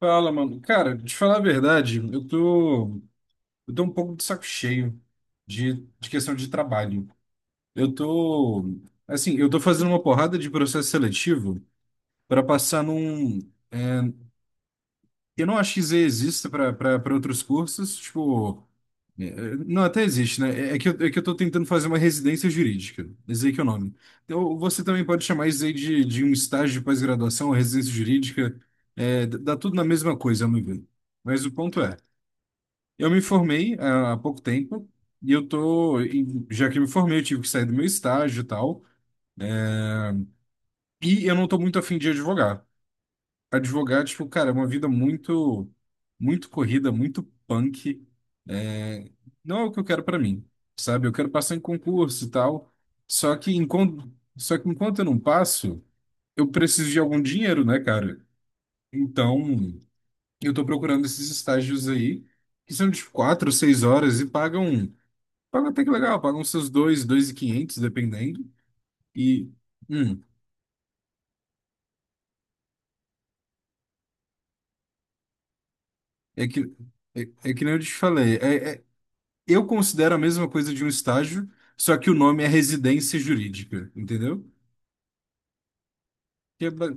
Fala, mano. Cara, de falar a verdade, eu tô um pouco de saco cheio de, de questão de trabalho. Eu tô, assim, eu tô fazendo uma porrada de processo seletivo para passar num. Eu não acho que Z exista para outros cursos, tipo. Não, até existe, né? É que eu tô tentando fazer uma residência jurídica. Esse que é o nome. Então, você também pode chamar isso aí de um estágio de pós-graduação, residência jurídica. É, dá tudo na mesma coisa, ao meu ver. Mas o ponto é. Eu me formei há pouco tempo e já que eu me formei, eu tive que sair do meu estágio e tal, e eu não tô muito afim de advogar. Advogar, tipo, cara, é uma vida muito, muito corrida, muito punk. É, não é o que eu quero pra mim, sabe? Eu quero passar em concurso e tal, só que enquanto, só que enquanto eu não passo, eu preciso de algum dinheiro, né, cara? Então, eu tô procurando esses estágios aí, que são de tipo, quatro, seis horas e pagam. Paga até que legal, paga uns seus dois, dois e quinhentos, dependendo. E, hum, é que, é, que nem eu te falei, é, é- eu considero a mesma coisa de um estágio, só que o nome é residência jurídica, entendeu? Que é ba-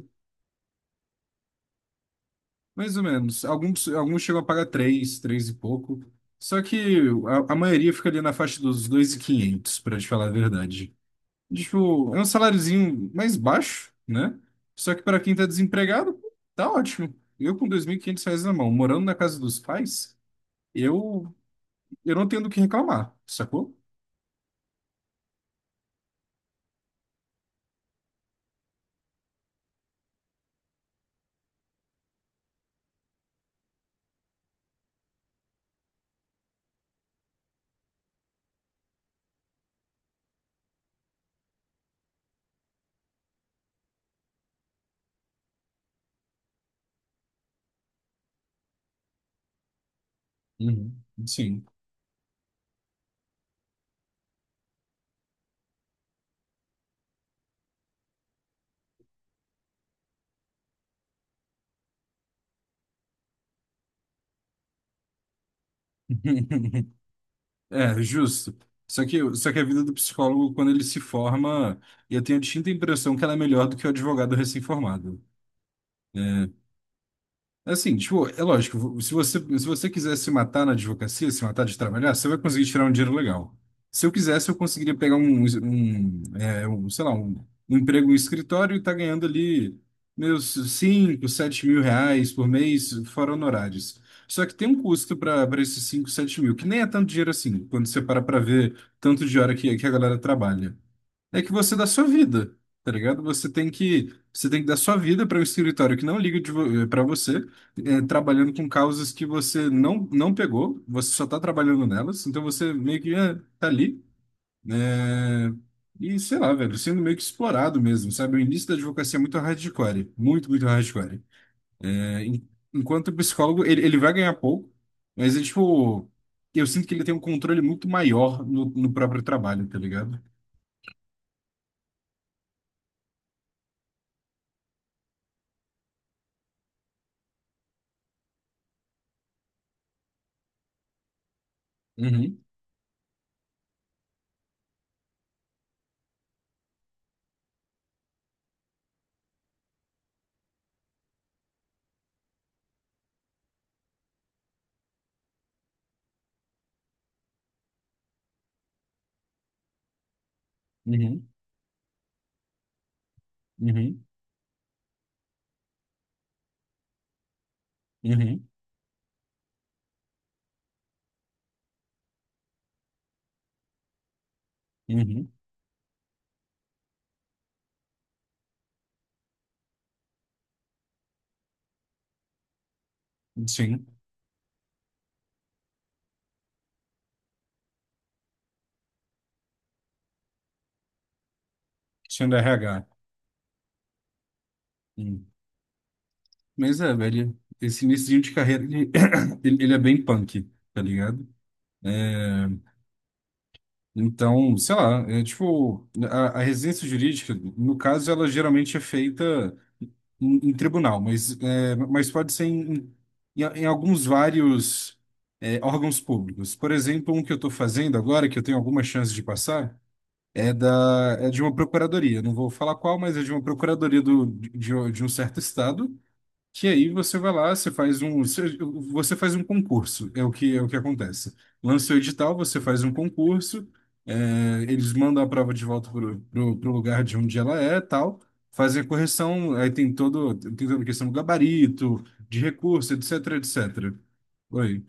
mais ou menos, alguns chegam a pagar três, três e pouco, só que a maioria fica ali na faixa dos dois e quinhentos, para te falar a verdade. Tipo, é um saláriozinho mais baixo, né? Só que para quem tá desempregado, pô, tá ótimo. Eu com R$ 2.500 na mão, morando na casa dos pais, eu, eu não tenho do que reclamar, sacou? Uhum. Sim. É, justo. Só que a vida do psicólogo, quando ele se forma, eu tenho a distinta impressão que ela é melhor do que o advogado recém-formado. Assim, tipo, é lógico, se você quiser se matar na advocacia, se matar de trabalhar, você vai conseguir tirar um dinheiro legal. Se eu quisesse, eu conseguiria pegar um, sei lá, um emprego em escritório e tá ganhando ali meus 5 7 mil reais por mês, fora honorários. Só que tem um custo para esses 5 7 mil, que nem é tanto dinheiro assim, quando você para para ver tanto de hora que a galera trabalha é que você dá sua vida, tá ligado? Você tem que dar sua vida para um escritório que não liga de vo para você, trabalhando com causas que você não pegou, você só tá trabalhando nelas, então você meio que tá ali, né? E sei lá, velho, sendo meio que explorado mesmo, sabe? O início da advocacia é muito hardcore, muito, muito hardcore. É, en- enquanto o psicólogo, ele vai ganhar pouco, mas é tipo, eu sinto que ele tem um controle muito maior no próprio trabalho, tá ligado? Uhum, uhum, uhum. Uhum, uhum. Sim, sim, do RH. Hum. Mas é, velho, esse início de carreira, ele é bem punk, tá ligado? É, então, sei lá, é tipo, a residência jurídica, no caso, ela geralmente é feita em tribunal, mas pode ser em, em alguns vários órgãos públicos. Por exemplo, um que eu estou fazendo agora, que eu tenho alguma chance de passar, é de uma procuradoria, não vou falar qual, mas é de uma procuradoria de um certo estado, que aí você vai lá, você faz um concurso, é o que acontece. Lança o edital, você faz um concurso, eles mandam a prova de volta pro lugar de onde ela é, tal, fazem a correção, aí tem toda a questão do gabarito, de recurso, etc, etc. Oi.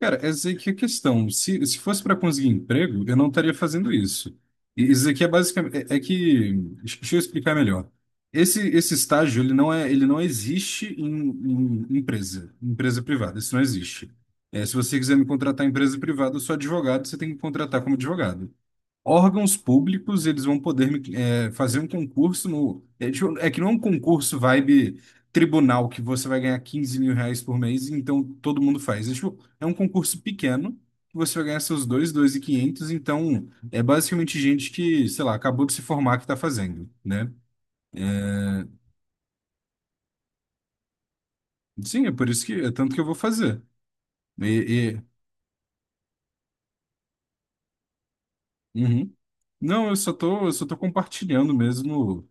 Cara, essa aí que é a questão. Se fosse para conseguir emprego, eu não estaria fazendo isso. E isso aqui é basicamente é que deixa eu explicar melhor. Esse estágio ele não existe em empresa privada. Isso não existe. É, se você quiser me contratar em empresa privada, eu sou advogado, você tem que me contratar como advogado órgãos públicos, eles vão poder me fazer um concurso no. É, tipo, é que não é um concurso vibe tribunal que você vai ganhar R$ 15.000 por mês, então todo mundo faz. É, tipo, é um concurso pequeno que você vai ganhar seus dois, dois e quinhentos, então é basicamente gente que, sei lá, acabou de se formar que está fazendo, né? Sim, é por isso que é tanto que eu vou fazer. E, e- uhum. Não, eu só tô compartilhando mesmo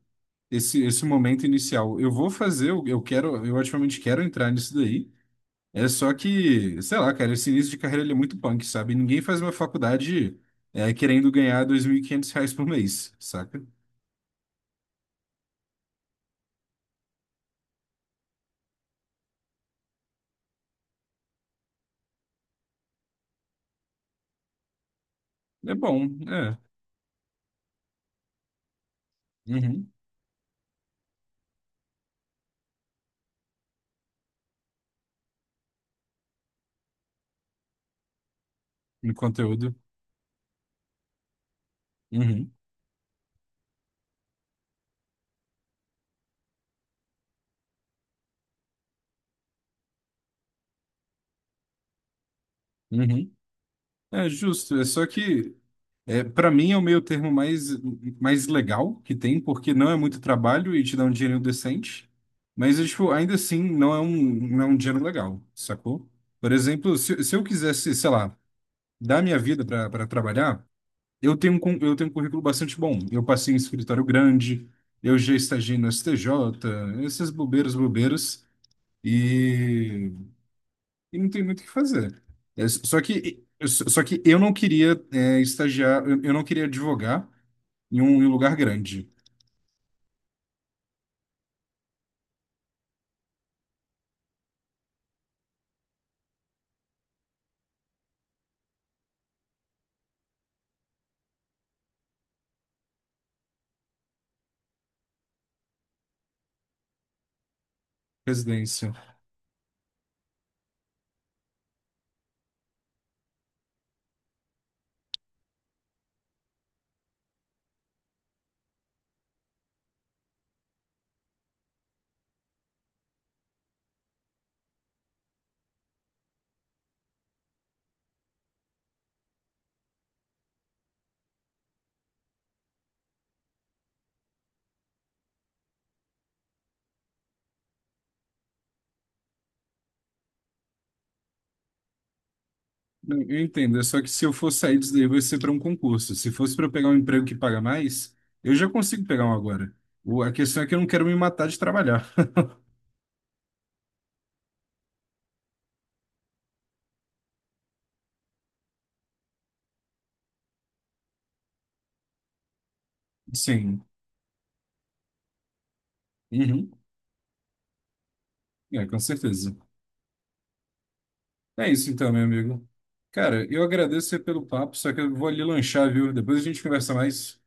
esse momento inicial. Eu vou fazer, eu ativamente quero entrar nisso daí. É só que, sei lá, cara, esse início de carreira ele é muito punk, sabe? Ninguém faz uma faculdade querendo ganhar R$ 2.500 por mês, saca? É bom, é. Uhum. No conteúdo. Uhum. Uhum. É justo. É só que, para mim, é o meio termo mais legal que tem, porque não é muito trabalho e te dá um dinheiro decente. Mas, tipo, ainda assim, não é um dinheiro legal, sacou? Por exemplo, se eu quisesse, sei lá, dar minha vida para trabalhar. Eu tenho um currículo bastante bom. Eu passei em escritório grande, eu já estagiei no STJ, essas bobeiras, bobeiras, e, e, não tem muito o que fazer. Só que eu não queria estagiar, eu não queria advogar em um lugar grande, residência. Eu entendo, é só que se eu for sair disso daí vai ser para um concurso. Se fosse para eu pegar um emprego que paga mais, eu já consigo pegar um agora. A questão é que eu não quero me matar de trabalhar. Sim. Uhum. É, com certeza. É isso então, meu amigo. Cara, eu agradeço você pelo papo, só que eu vou ali lanchar, viu? Depois a gente conversa mais.